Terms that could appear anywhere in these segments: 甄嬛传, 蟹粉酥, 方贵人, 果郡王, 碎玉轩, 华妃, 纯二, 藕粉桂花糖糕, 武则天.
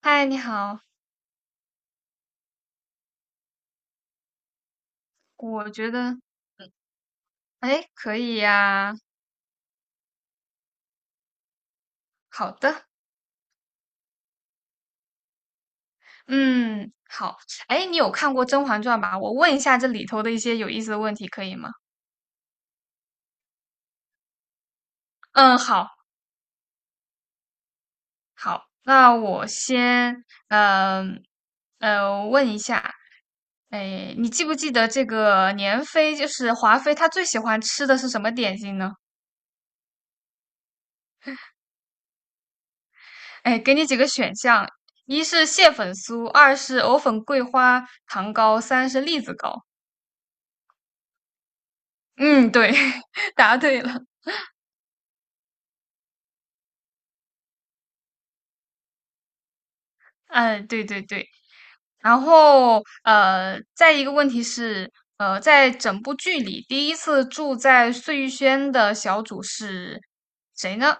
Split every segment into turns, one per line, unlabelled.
嗨，你好，我觉得，哎，可以呀，好的，嗯，好，哎，你有看过《甄嬛传》吧？我问一下这里头的一些有意思的问题，可以吗？嗯，好，好，那我先，嗯、问一下，哎，你记不记得这个年妃，就是华妃，她最喜欢吃的是什么点心呢？哎，给你几个选项，一是蟹粉酥，二是藕粉桂花糖糕，三是栗子糕。嗯，对，答对了。哎，对对对，然后再一个问题是，在整部剧里，第一次住在碎玉轩的小主是谁呢？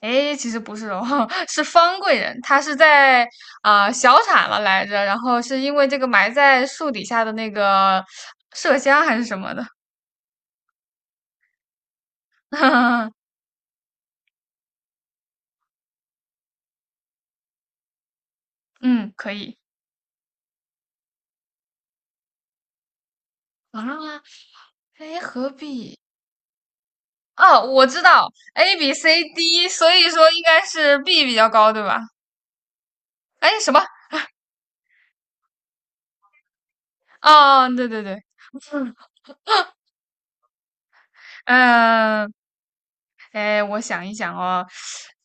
哎，其实不是哦，是方贵人，她是在小产了来着，然后是因为这个埋在树底下的那个麝香还是什么的，嗯，可以上啊，哎，何必？哦，我知道 A B C D,所以说应该是 B 比较高，对吧？哎，什么？哦，对对对，嗯，呃哎，我想一想哦，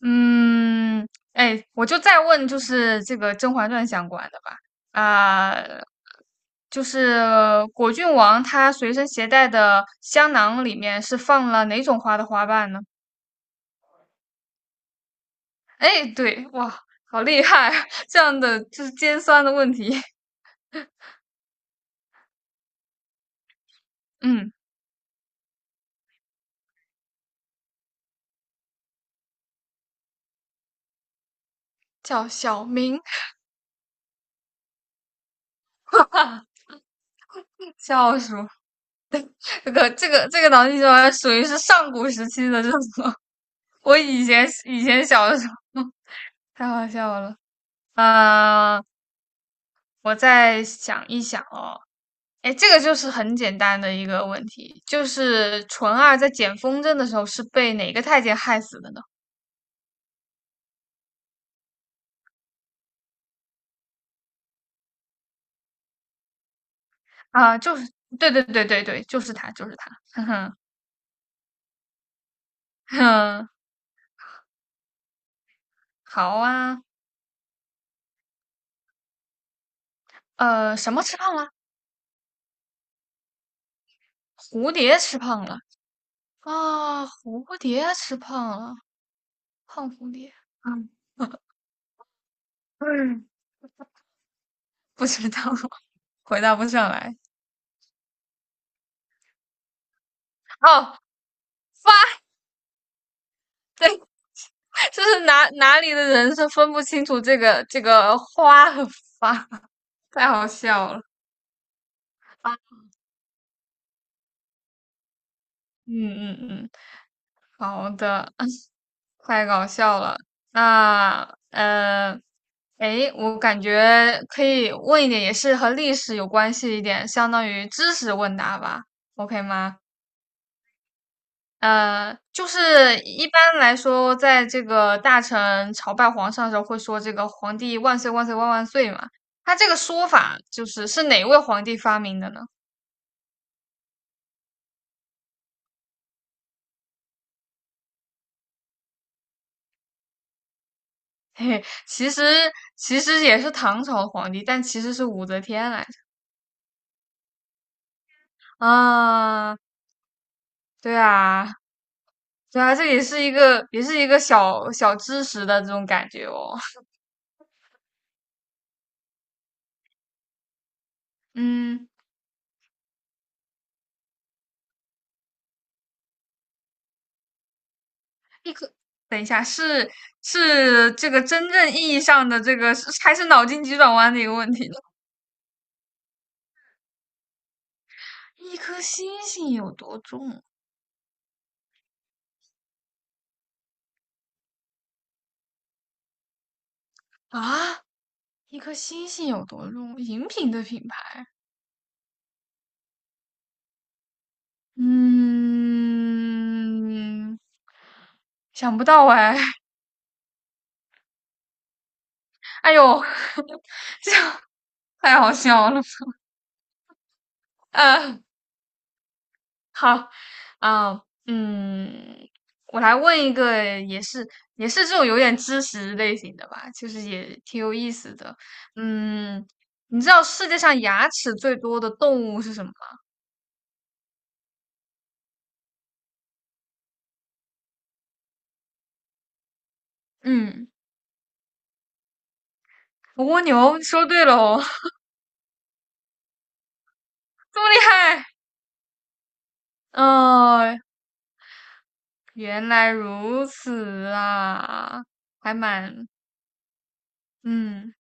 嗯，哎，我就再问，就是这个《甄嬛传》相关的吧，啊、就是果郡王他随身携带的香囊里面是放了哪种花的花瓣呢？哎，对，哇，好厉害啊 这样的就是尖酸的问题，嗯，叫小明，叫什么？这个脑筋急转弯属于是上古时期的这种。我以前小的时候 太好笑了。呃，我再想一想哦。哎，这个就是很简单的一个问题，就是纯二在捡风筝的时候是被哪个太监害死的呢？就是对，就是他，就是他。哼哼哼，好啊。呃，什么吃胖了？蝴蝶吃胖了啊！蝴蝶吃胖了，胖蝴蝶。嗯嗯，不知道，回答不上来。哦，发。这是哪里的人是分不清楚这个花和发，太好笑了啊嗯嗯嗯，好的，太搞笑了。那诶，我感觉可以问一点，也是和历史有关系一点，相当于知识问答吧，OK 吗？呃，就是一般来说，在这个大臣朝拜皇上的时候，会说这个"皇帝万岁万岁万万岁"嘛。他这个说法就是是哪位皇帝发明的呢？嘿嘿，其实也是唐朝的皇帝，但其实是武则天来着。啊，对啊，对啊,这也是一个小小知识的这种感觉哦。嗯，一个等一下，是这个真正意义上的这个，是还是脑筋急转弯的一个问题？呢？一颗星星有多重啊？一颗星星有多重？饮品的品牌，嗯，想不到哎，哎呦，太好笑了。呃，好，啊、嗯，我来问一个，也是这种有点知识类型的吧，就是也挺有意思的。嗯，你知道世界上牙齿最多的动物是什么吗？嗯，蜗牛，说对了哦。这么厉害？哦，原来如此啊，还蛮，嗯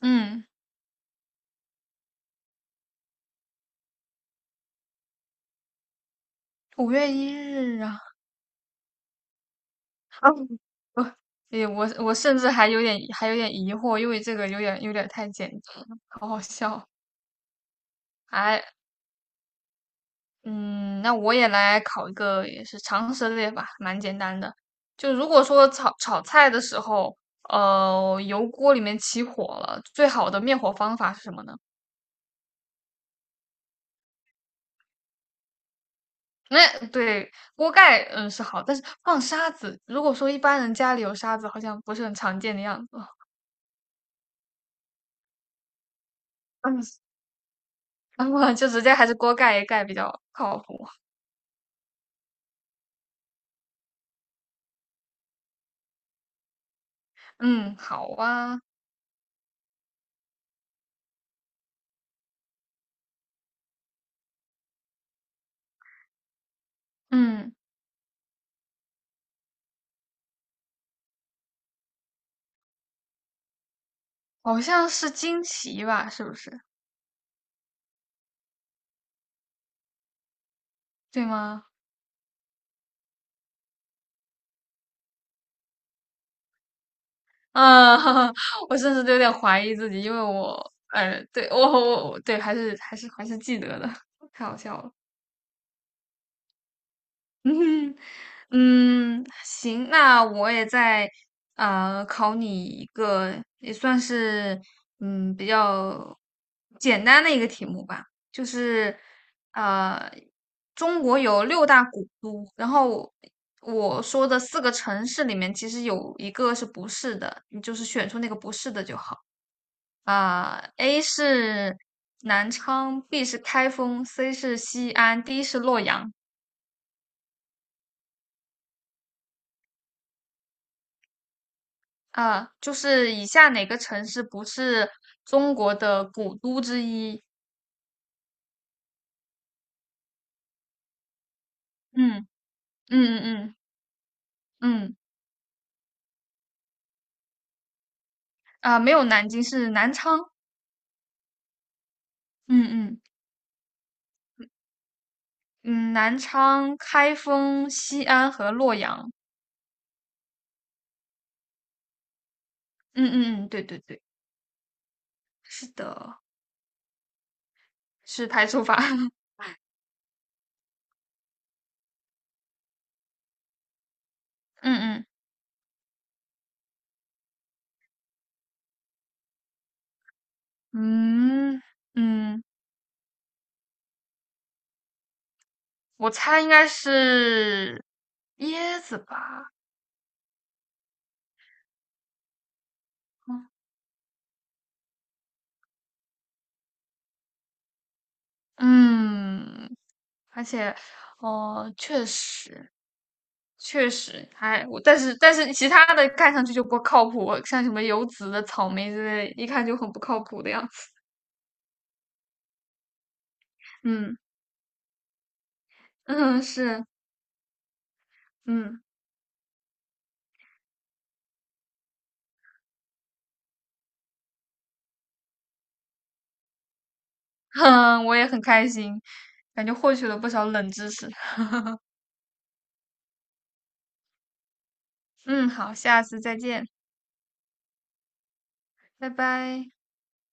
嗯，五月一日啊，啊我诶 我甚至还有点疑惑，因为这个有点太简单了，好好笑。哎，嗯，那我也来考一个也是常识类吧，蛮简单的。就如果说炒菜的时候，呃，油锅里面起火了，最好的灭火方法是什么呢？那对锅盖，嗯，是好，但是放沙子，如果说一般人家里有沙子，好像不是很常见的样子。嗯，然后就直接还是锅盖一盖比较靠谱。嗯，好啊，嗯，好像是惊奇吧，是不是？对吗？啊，我甚至都有点怀疑自己，因为我，呃，对我对，还是记得的，太好笑了。嗯哼，嗯，行，那我也再啊，考你一个，也算是嗯比较简单的一个题目吧，就是呃中国有六大古都，然后我说的四个城市里面其实有一个是不是的，你就是选出那个不是的就好。A 是南昌，B 是开封，C 是西安，D 是洛阳。啊，就是以下哪个城市不是中国的古都之一？嗯嗯嗯嗯嗯，啊，没有南京，是南昌。嗯嗯嗯，南昌、开封、西安和洛阳。嗯嗯嗯，对对对，是的，是排除法。嗯嗯嗯嗯，我猜应该是椰子吧。嗯，嗯而且，哦、确实，确实还我，但是但是其他的看上去就不靠谱，像什么有籽的、草莓之类，一看就很不靠谱的样子。嗯嗯，是嗯哼，我也很开心，感觉获取了不少冷知识。嗯，好，下次再见，拜拜。